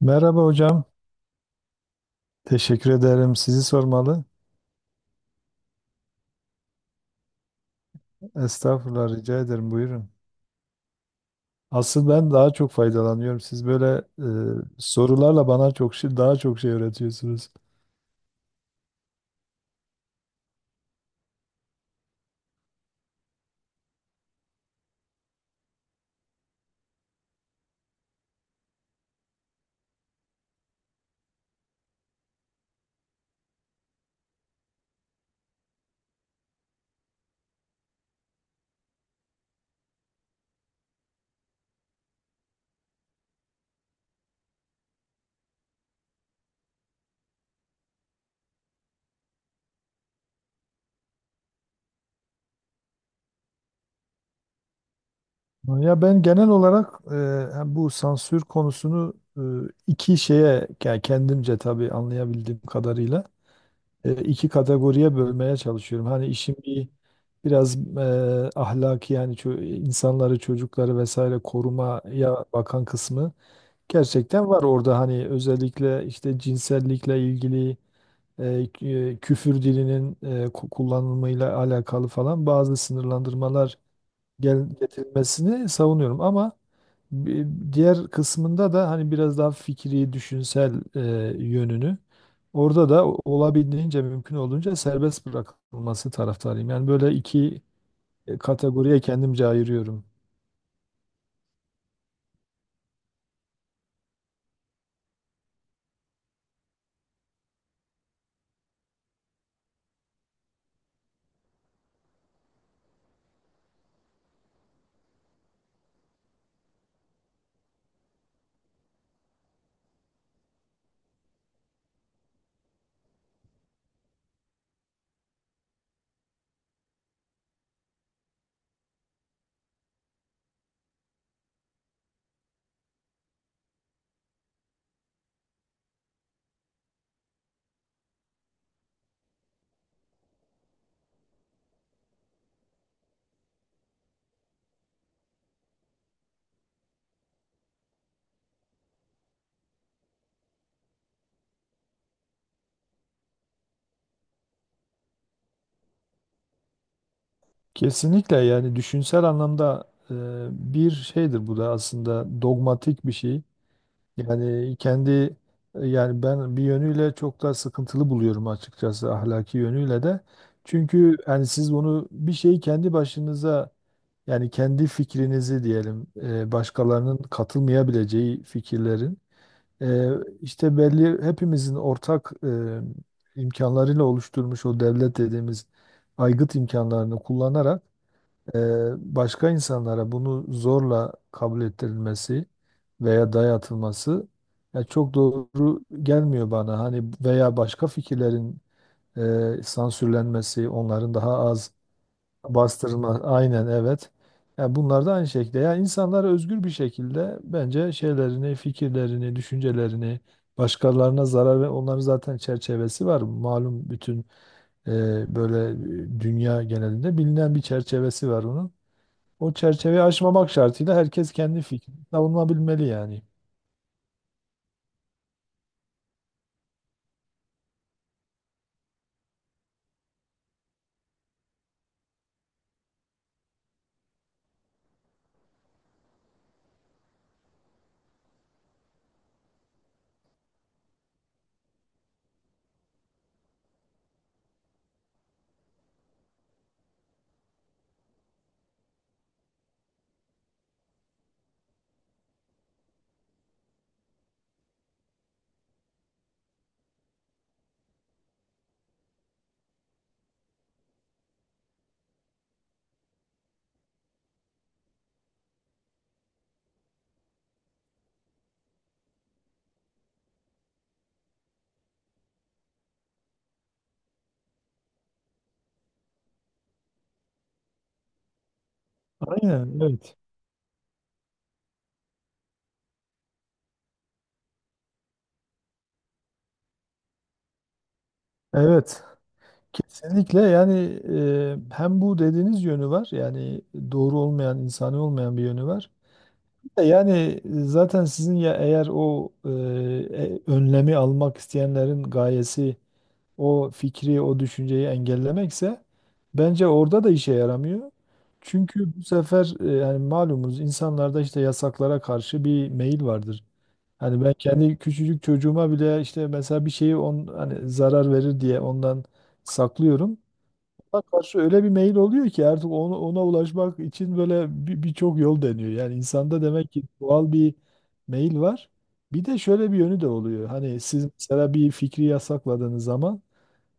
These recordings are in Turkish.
Merhaba hocam. Teşekkür ederim. Sizi sormalı. Estağfurullah, rica ederim. Buyurun. Asıl ben daha çok faydalanıyorum. Siz böyle sorularla bana daha çok şey öğretiyorsunuz. Ya ben genel olarak hem bu sansür konusunu iki şeye, yani kendimce tabii anlayabildiğim kadarıyla, iki kategoriye bölmeye çalışıyorum. Hani işin bir biraz ahlaki, yani insanları, çocukları vesaire korumaya bakan kısmı. Gerçekten var orada, hani özellikle işte cinsellikle ilgili, küfür dilinin kullanımıyla alakalı falan bazı sınırlandırmalar getirilmesini savunuyorum, ama bi- diğer kısmında da hani biraz daha fikri, düşünsel yönünü, orada da olabildiğince, mümkün olduğunca serbest bırakılması taraftarıyım. Yani böyle iki kategoriye kendimce ayırıyorum. Kesinlikle, yani düşünsel anlamda bir şeydir bu da, aslında dogmatik bir şey. Yani kendi Yani ben bir yönüyle çok da sıkıntılı buluyorum açıkçası, ahlaki yönüyle de. Çünkü yani siz bunu, bir şeyi kendi başınıza, yani kendi fikrinizi diyelim, başkalarının katılmayabileceği fikirlerin e, işte belli, hepimizin ortak imkanlarıyla oluşturmuş o devlet dediğimiz aygıt imkanlarını kullanarak başka insanlara bunu zorla kabul ettirilmesi veya dayatılması ya çok doğru gelmiyor bana. Hani veya başka fikirlerin sansürlenmesi, onların daha az bastırılma, aynen evet. Yani bunlar da aynı şekilde. Yani insanlar özgür bir şekilde, bence şeylerini, fikirlerini, düşüncelerini başkalarına zarar ve onların zaten çerçevesi var. Malum, bütün e, böyle dünya genelinde bilinen bir çerçevesi var onun. O çerçeveyi aşmamak şartıyla herkes kendi fikrini savunabilmeli yani. Aynen, evet. Evet, kesinlikle, yani hem bu dediğiniz yönü var, yani doğru olmayan, insani olmayan bir yönü var. Bir de yani zaten sizin, ya eğer o, önlemi almak isteyenlerin gayesi o fikri, o düşünceyi engellemekse, bence orada da işe yaramıyor. Çünkü bu sefer, yani malumunuz, insanlarda işte yasaklara karşı bir meyil vardır. Hani ben kendi küçücük çocuğuma bile, işte mesela bir şeyi, hani zarar verir diye ondan saklıyorum. Ona karşı öyle bir meyil oluyor ki artık, ona ulaşmak için böyle birçok yol deniyor. Yani insanda demek ki doğal bir meyil var. Bir de şöyle bir yönü de oluyor. Hani siz mesela bir fikri yasakladığınız zaman,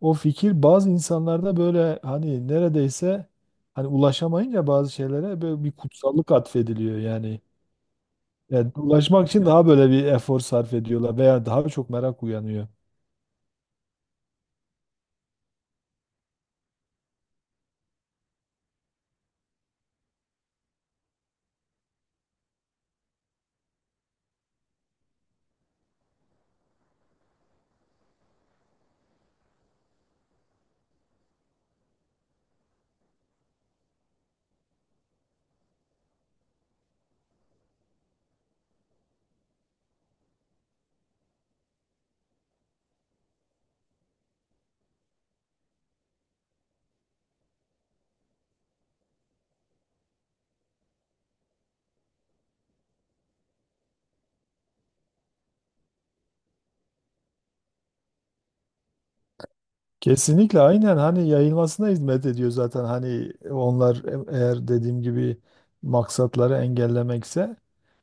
o fikir bazı insanlarda böyle, hani neredeyse, hani ulaşamayınca bazı şeylere böyle bir kutsallık atfediliyor yani. Yani ulaşmak için daha böyle bir efor sarf ediyorlar veya daha çok merak uyanıyor. Kesinlikle, aynen, hani yayılmasına hizmet ediyor zaten, hani onlar, eğer dediğim gibi maksatları engellemekse.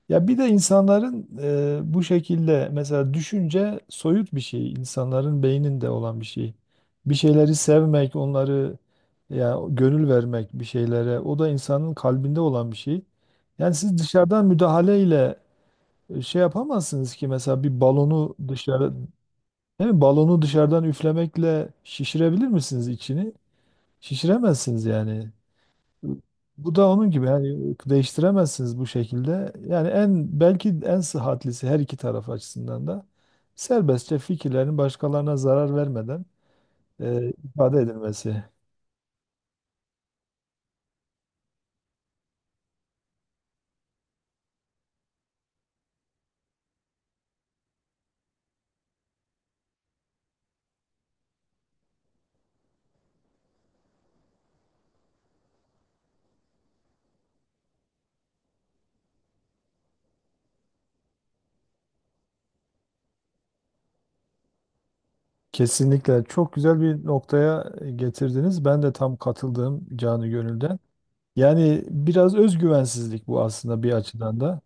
Ya bir de insanların bu şekilde, mesela düşünce soyut bir şey, insanların beyninde olan bir şey. Bir şeyleri sevmek, onları, ya gönül vermek bir şeylere, o da insanın kalbinde olan bir şey. Yani siz dışarıdan müdahaleyle şey yapamazsınız ki, mesela bir balonu dışarı, değil mi? Balonu dışarıdan üflemekle şişirebilir misiniz içini? Şişiremezsiniz yani. Bu da onun gibi, yani değiştiremezsiniz bu şekilde. Yani en, belki en sıhhatlisi, her iki taraf açısından da serbestçe fikirlerin başkalarına zarar vermeden ifade edilmesi. Kesinlikle, çok güzel bir noktaya getirdiniz. Ben de tam katıldığım, canı gönülden. Yani biraz özgüvensizlik bu, aslında bir açıdan da.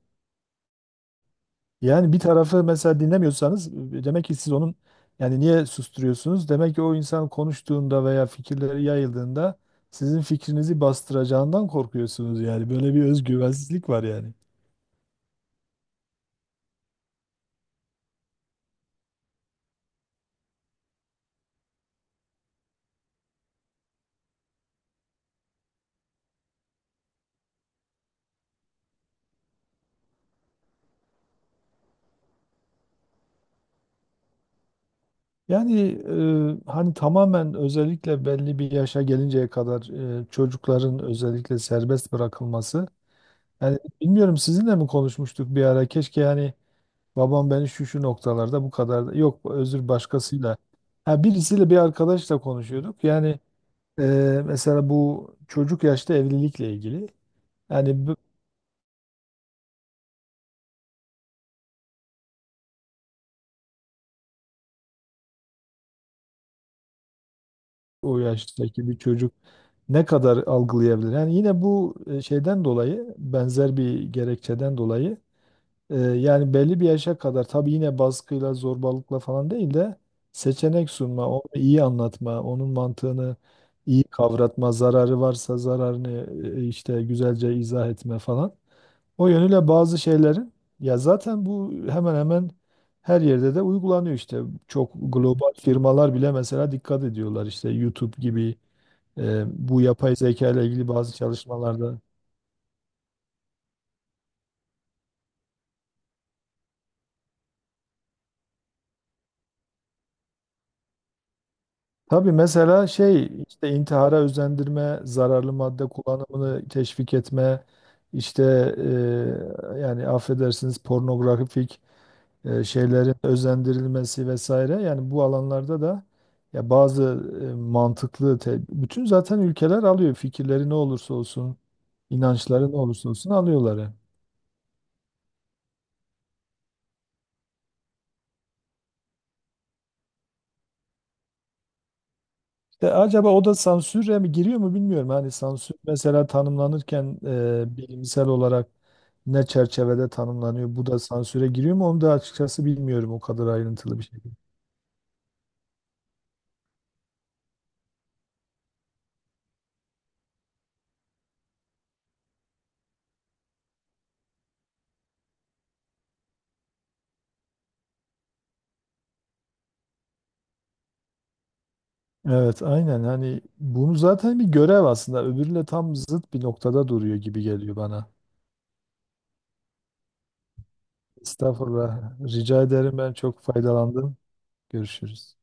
Yani bir tarafı mesela dinlemiyorsanız, demek ki siz onun, yani niye susturuyorsunuz? Demek ki o insan konuştuğunda veya fikirleri yayıldığında sizin fikrinizi bastıracağından korkuyorsunuz yani. Böyle bir özgüvensizlik var yani. Yani hani tamamen, özellikle belli bir yaşa gelinceye kadar çocukların özellikle serbest bırakılması. Yani bilmiyorum, sizinle mi konuşmuştuk bir ara? Keşke yani babam beni şu şu noktalarda bu kadar yok, özür, başkasıyla. Ha, birisiyle, bir arkadaşla konuşuyorduk. Yani e, mesela bu çocuk yaşta evlilikle ilgili. Yani o yaştaki bir çocuk ne kadar algılayabilir? Yani yine bu şeyden dolayı, benzer bir gerekçeden dolayı. Yani belli bir yaşa kadar tabii, yine baskıyla, zorbalıkla falan değil de seçenek sunma, onu iyi anlatma, onun mantığını iyi kavratma, zararı varsa zararını işte güzelce izah etme falan. O yönüyle bazı şeylerin, ya zaten bu hemen hemen her yerde de uygulanıyor işte. Çok global firmalar bile mesela dikkat ediyorlar, işte YouTube gibi, bu yapay zeka ile ilgili bazı çalışmalarda. Tabii mesela şey, işte intihara özendirme, zararlı madde kullanımını teşvik etme, işte yani affedersiniz, pornografik şeylerin özendirilmesi vesaire. Yani bu alanlarda da, ya bazı mantıklı, bütün zaten ülkeler alıyor, fikirleri ne olursa olsun, inançları ne olursa olsun alıyorlar yani. De acaba o da sansüre mi giriyor mu, bilmiyorum. Hani sansür mesela tanımlanırken bilimsel olarak ne çerçevede tanımlanıyor? Bu da sansüre giriyor mu? Onu da açıkçası bilmiyorum, o kadar ayrıntılı bir şekilde. Evet, aynen. Hani bunu zaten bir görev aslında. Öbürüyle tam zıt bir noktada duruyor gibi geliyor bana. Estağfurullah. Rica ederim. Ben çok faydalandım. Görüşürüz.